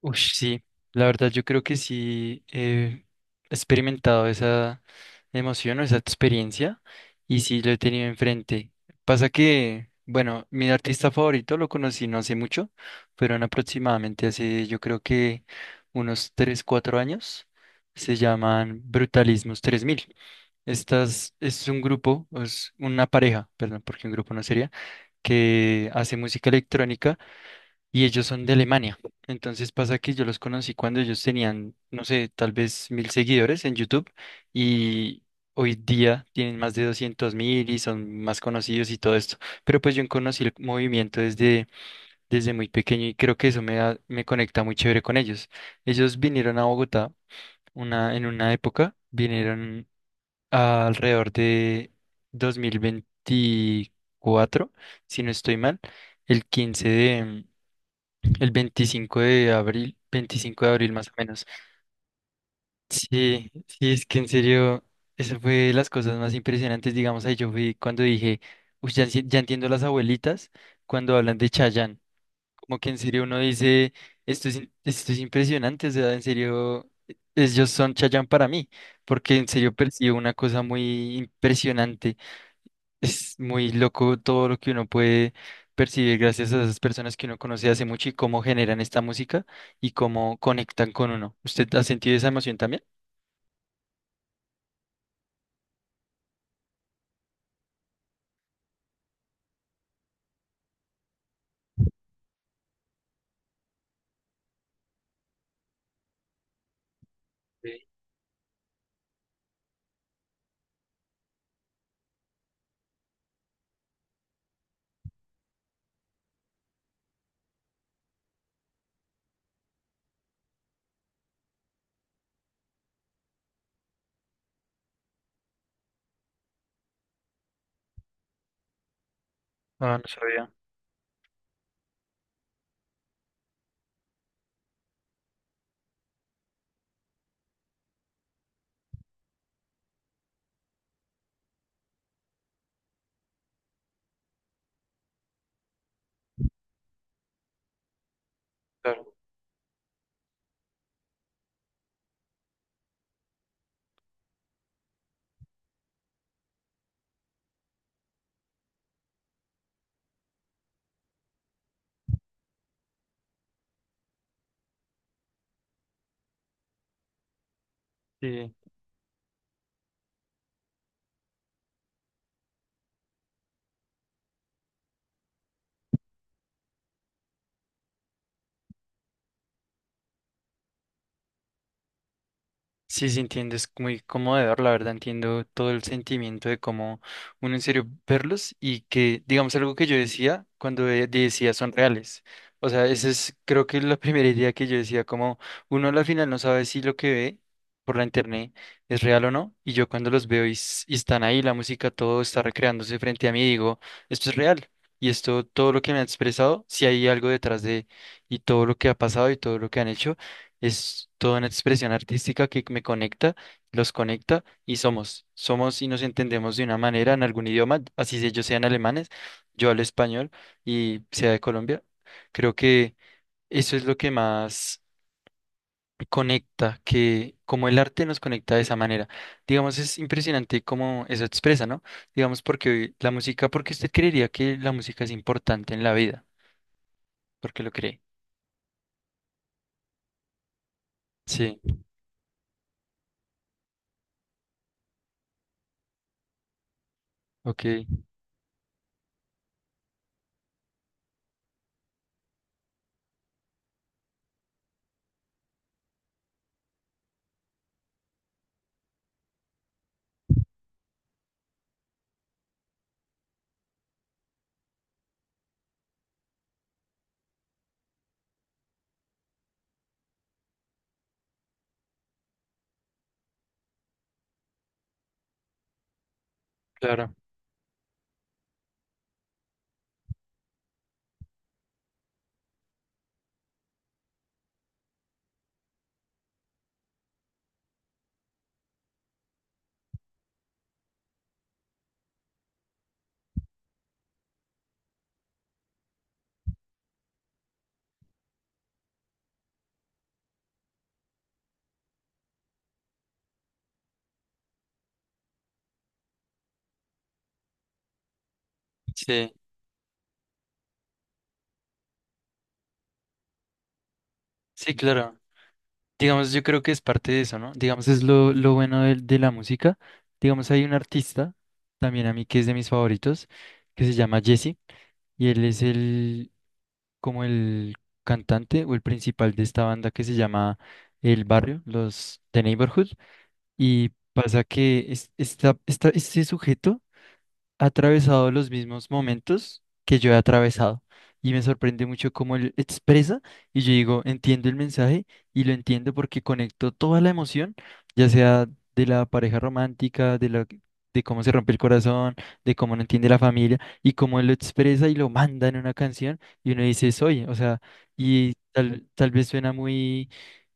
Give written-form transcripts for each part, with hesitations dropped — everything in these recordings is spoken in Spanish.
Uy, sí, la verdad yo creo que sí he experimentado esa emoción o esa experiencia y sí lo he tenido enfrente. Pasa que, bueno, mi artista favorito lo conocí no hace mucho, fueron aproximadamente hace yo creo que unos 3 4 años. Se llaman Brutalismos tres mil. Estas es un grupo, es una pareja, perdón, porque un grupo no sería, que hace música electrónica y ellos son de Alemania. Entonces pasa que yo los conocí cuando ellos tenían, no sé, tal vez 1.000 seguidores en YouTube y hoy día tienen más de 200.000 y son más conocidos y todo esto. Pero pues yo conocí el movimiento desde muy pequeño y creo que eso me conecta muy chévere con ellos. Ellos vinieron a Bogotá en una época, vinieron alrededor de 2024 si no estoy mal, el 15 de... El 25 de abril, 25 de abril más o menos. Sí, sí, es que en serio, eso fue de las cosas más impresionantes, digamos, ahí yo fui cuando dije, "Uy, ya, ya entiendo las abuelitas cuando hablan de Chayanne, como que en serio uno dice, esto es impresionante, o sea, en serio, ellos son Chayanne para mí, porque en serio percibo una cosa muy impresionante es muy loco todo lo que uno puede percibir gracias a esas personas que uno conoce hace mucho y cómo generan esta música y cómo conectan con uno. ¿Usted ha sentido esa emoción también? Sí. Ah, no sabía. Claro. Sí. Sí, sí, entiendo, es muy conmovedor, la verdad, entiendo todo el sentimiento de cómo uno en serio verlos y que, digamos, algo que yo decía cuando decía son reales. O sea, esa es creo que la primera idea que yo decía, como uno a la final no sabe si lo que ve por la internet es real o no, y yo cuando los veo y, y están ahí, la música, todo está recreándose frente a mí, digo, esto es real. Y esto, todo lo que me han expresado, si hay algo detrás de, y todo lo que ha pasado y todo lo que han hecho. Es toda una expresión artística que me conecta, los conecta y somos y nos entendemos de una manera en algún idioma, así si ellos sean alemanes, yo hablo español y sea de Colombia. Creo que eso es lo que más conecta, que como el arte nos conecta de esa manera. Digamos, es impresionante cómo eso expresa, ¿no? Digamos, porque la música, porque usted creería que la música es importante en la vida, porque lo cree. Sí, ok, claro. Sí, sí, claro. Digamos, yo creo que es parte de eso, ¿no? Digamos, es lo bueno de la música. Digamos, hay un artista, también a mí, que es de mis favoritos, que se llama Jesse, y él es el, como el cantante o el principal de esta banda que se llama El Barrio, los The Neighborhood, y pasa que este sujeto ha atravesado los mismos momentos que yo he atravesado. Y me sorprende mucho cómo él expresa y yo digo, entiendo el mensaje y lo entiendo porque conecto toda la emoción, ya sea de la pareja romántica, de cómo se rompe el corazón, de cómo no entiende la familia y cómo él lo expresa y lo manda en una canción y uno dice, soy, o sea, y tal vez suena muy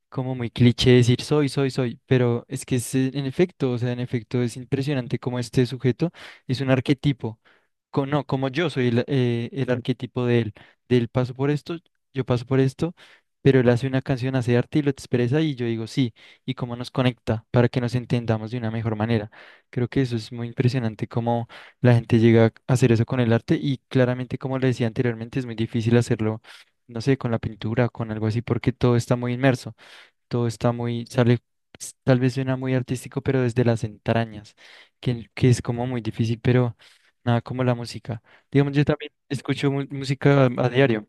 como muy cliché decir soy, soy, soy, pero es que es en efecto, o sea, en efecto es impresionante como este sujeto es un arquetipo, co- no, como yo soy el arquetipo de él paso por esto, yo paso por esto, pero él hace una canción, hace arte y lo expresa y yo digo sí, y cómo nos conecta para que nos entendamos de una mejor manera. Creo que eso es muy impresionante cómo la gente llega a hacer eso con el arte y claramente, como le decía anteriormente, es muy difícil hacerlo, no sé, con la pintura, con algo así, porque todo está muy inmerso. Todo está muy, sale, tal vez suena muy artístico, pero desde las entrañas, que es como muy difícil, pero nada como la música. Digamos, yo también escucho música a diario.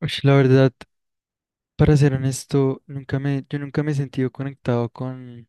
Ush, la verdad, para ser honesto, nunca me, yo nunca me he sentido conectado con,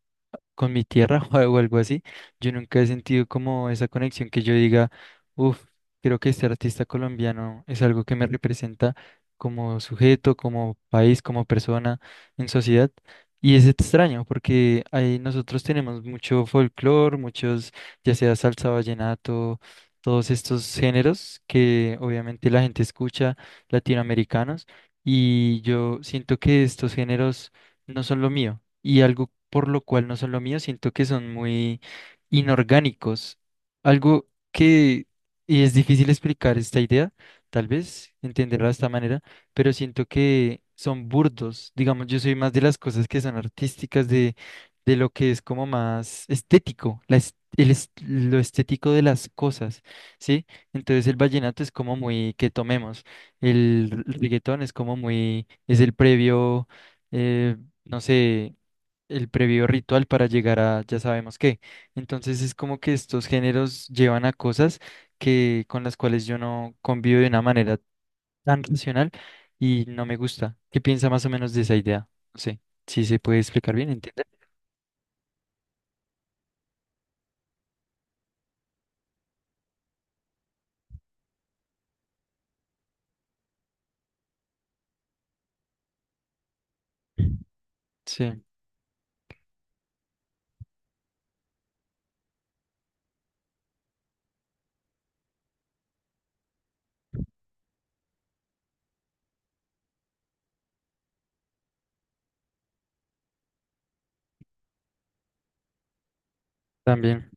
con mi tierra o algo así. Yo nunca he sentido como esa conexión que yo diga, uff, creo que este artista colombiano es algo que me representa como sujeto, como país, como persona en sociedad. Y es extraño porque ahí nosotros tenemos mucho folclore, muchos, ya sea salsa, vallenato, todos estos géneros que obviamente la gente escucha, latinoamericanos y yo siento que estos géneros no son lo mío y algo por lo cual no son lo mío, siento que son muy inorgánicos. Algo que, y es difícil explicar esta idea, tal vez entenderla de esta manera, pero siento que son burdos. Digamos, yo soy más de las cosas que son artísticas, de lo que es como más estético, la es- el es- lo estético de las cosas, ¿sí? Entonces el vallenato es como muy que tomemos. El reggaetón es como muy, es el previo, eh, no sé, el previo ritual para llegar a ya sabemos qué. Entonces es como que estos géneros llevan a cosas que con las cuales yo no convivo de una manera tan racional y no me gusta. ¿Qué piensa más o menos de esa idea? No sé, si se puede explicar bien, ¿entiendes? Sí, también.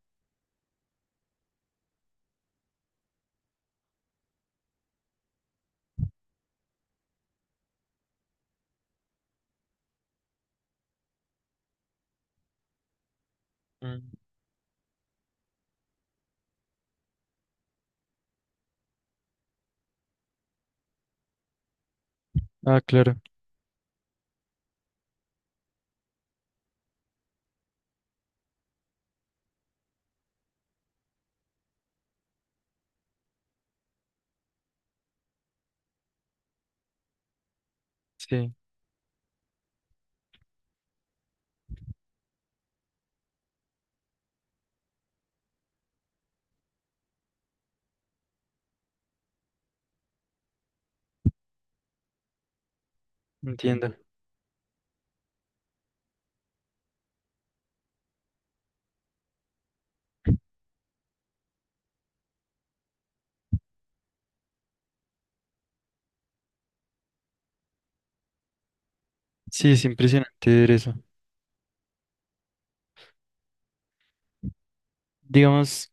Mm, ah, claro, sí, entiendo. Sí, es impresionante ver eso. Digamos.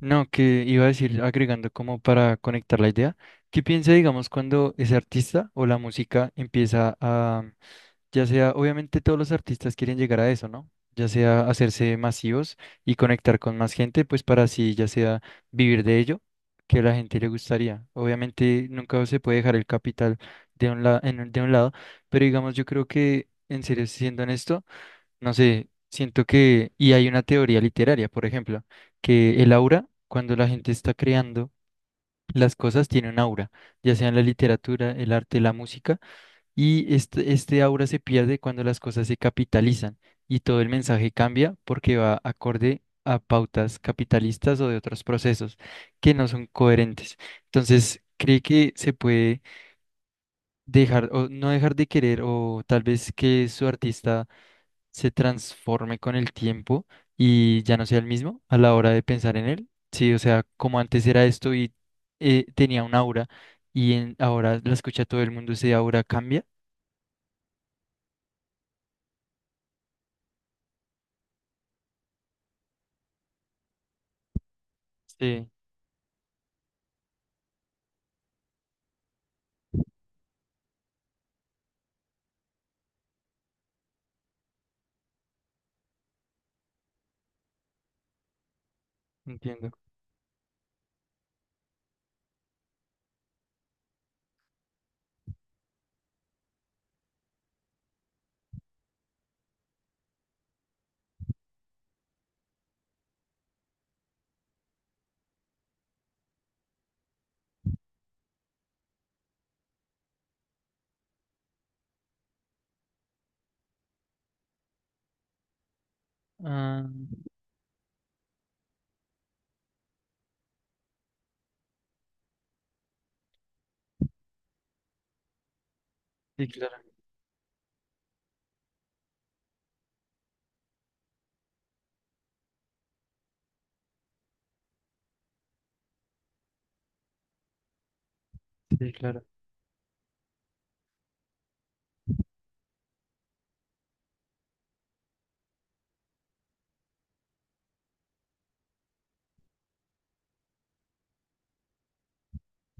No, que iba a decir, agregando como para conectar la idea, ¿qué piensa, digamos, cuando ese artista o la música empieza a, ya sea, obviamente todos los artistas quieren llegar a eso, ¿no? Ya sea hacerse masivos y conectar con más gente, pues para así, ya sea vivir de ello, que a la gente le gustaría. Obviamente nunca se puede dejar el capital de un la- en un- de un lado, pero digamos, yo creo que, en serio, siendo honesto, no sé, siento que, y hay una teoría literaria, por ejemplo, que el aura, cuando la gente está creando las cosas, tiene un aura, ya sea en la literatura, el arte, la música, y este aura se pierde cuando las cosas se capitalizan y todo el mensaje cambia porque va acorde a pautas capitalistas o de otros procesos que no son coherentes. Entonces, cree que se puede dejar o no dejar de querer o tal vez que su artista se transforme con el tiempo y ya no sea el mismo a la hora de pensar en él. Sí, o sea, como antes era esto y tenía un aura y ahora la escucha todo el mundo, ese aura cambia. Sí, entiendo. Ah, sí, claro, sí, claro,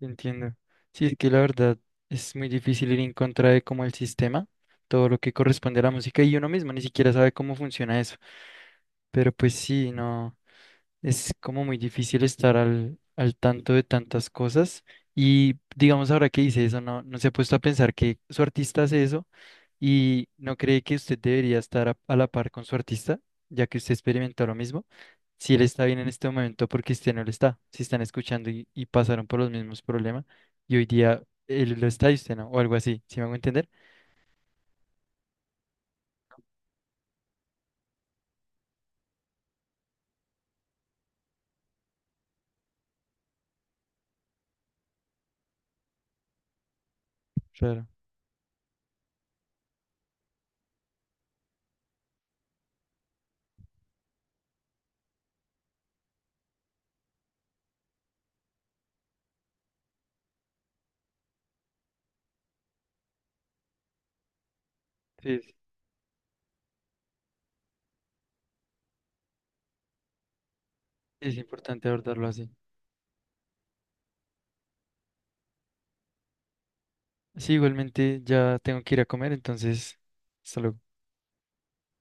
entiendo. Sí, es que la verdad es muy difícil ir en contra de como el sistema, todo lo que corresponde a la música y uno mismo ni siquiera sabe cómo funciona eso. Pero pues sí, no. Es como muy difícil estar al tanto de tantas cosas. Y digamos, ahora que dice eso, no, no se ha puesto a pensar que su artista hace eso y no cree que usted debería estar a la par con su artista, ya que usted experimentó lo mismo. Si él está bien en este momento, porque usted no lo está. Si están escuchando y pasaron por los mismos problemas y hoy día él lo está y usted no, o algo así. ¿Sí me hago entender? Claro. Sí, es importante abordarlo así. Sí, igualmente ya tengo que ir a comer, entonces, hasta luego.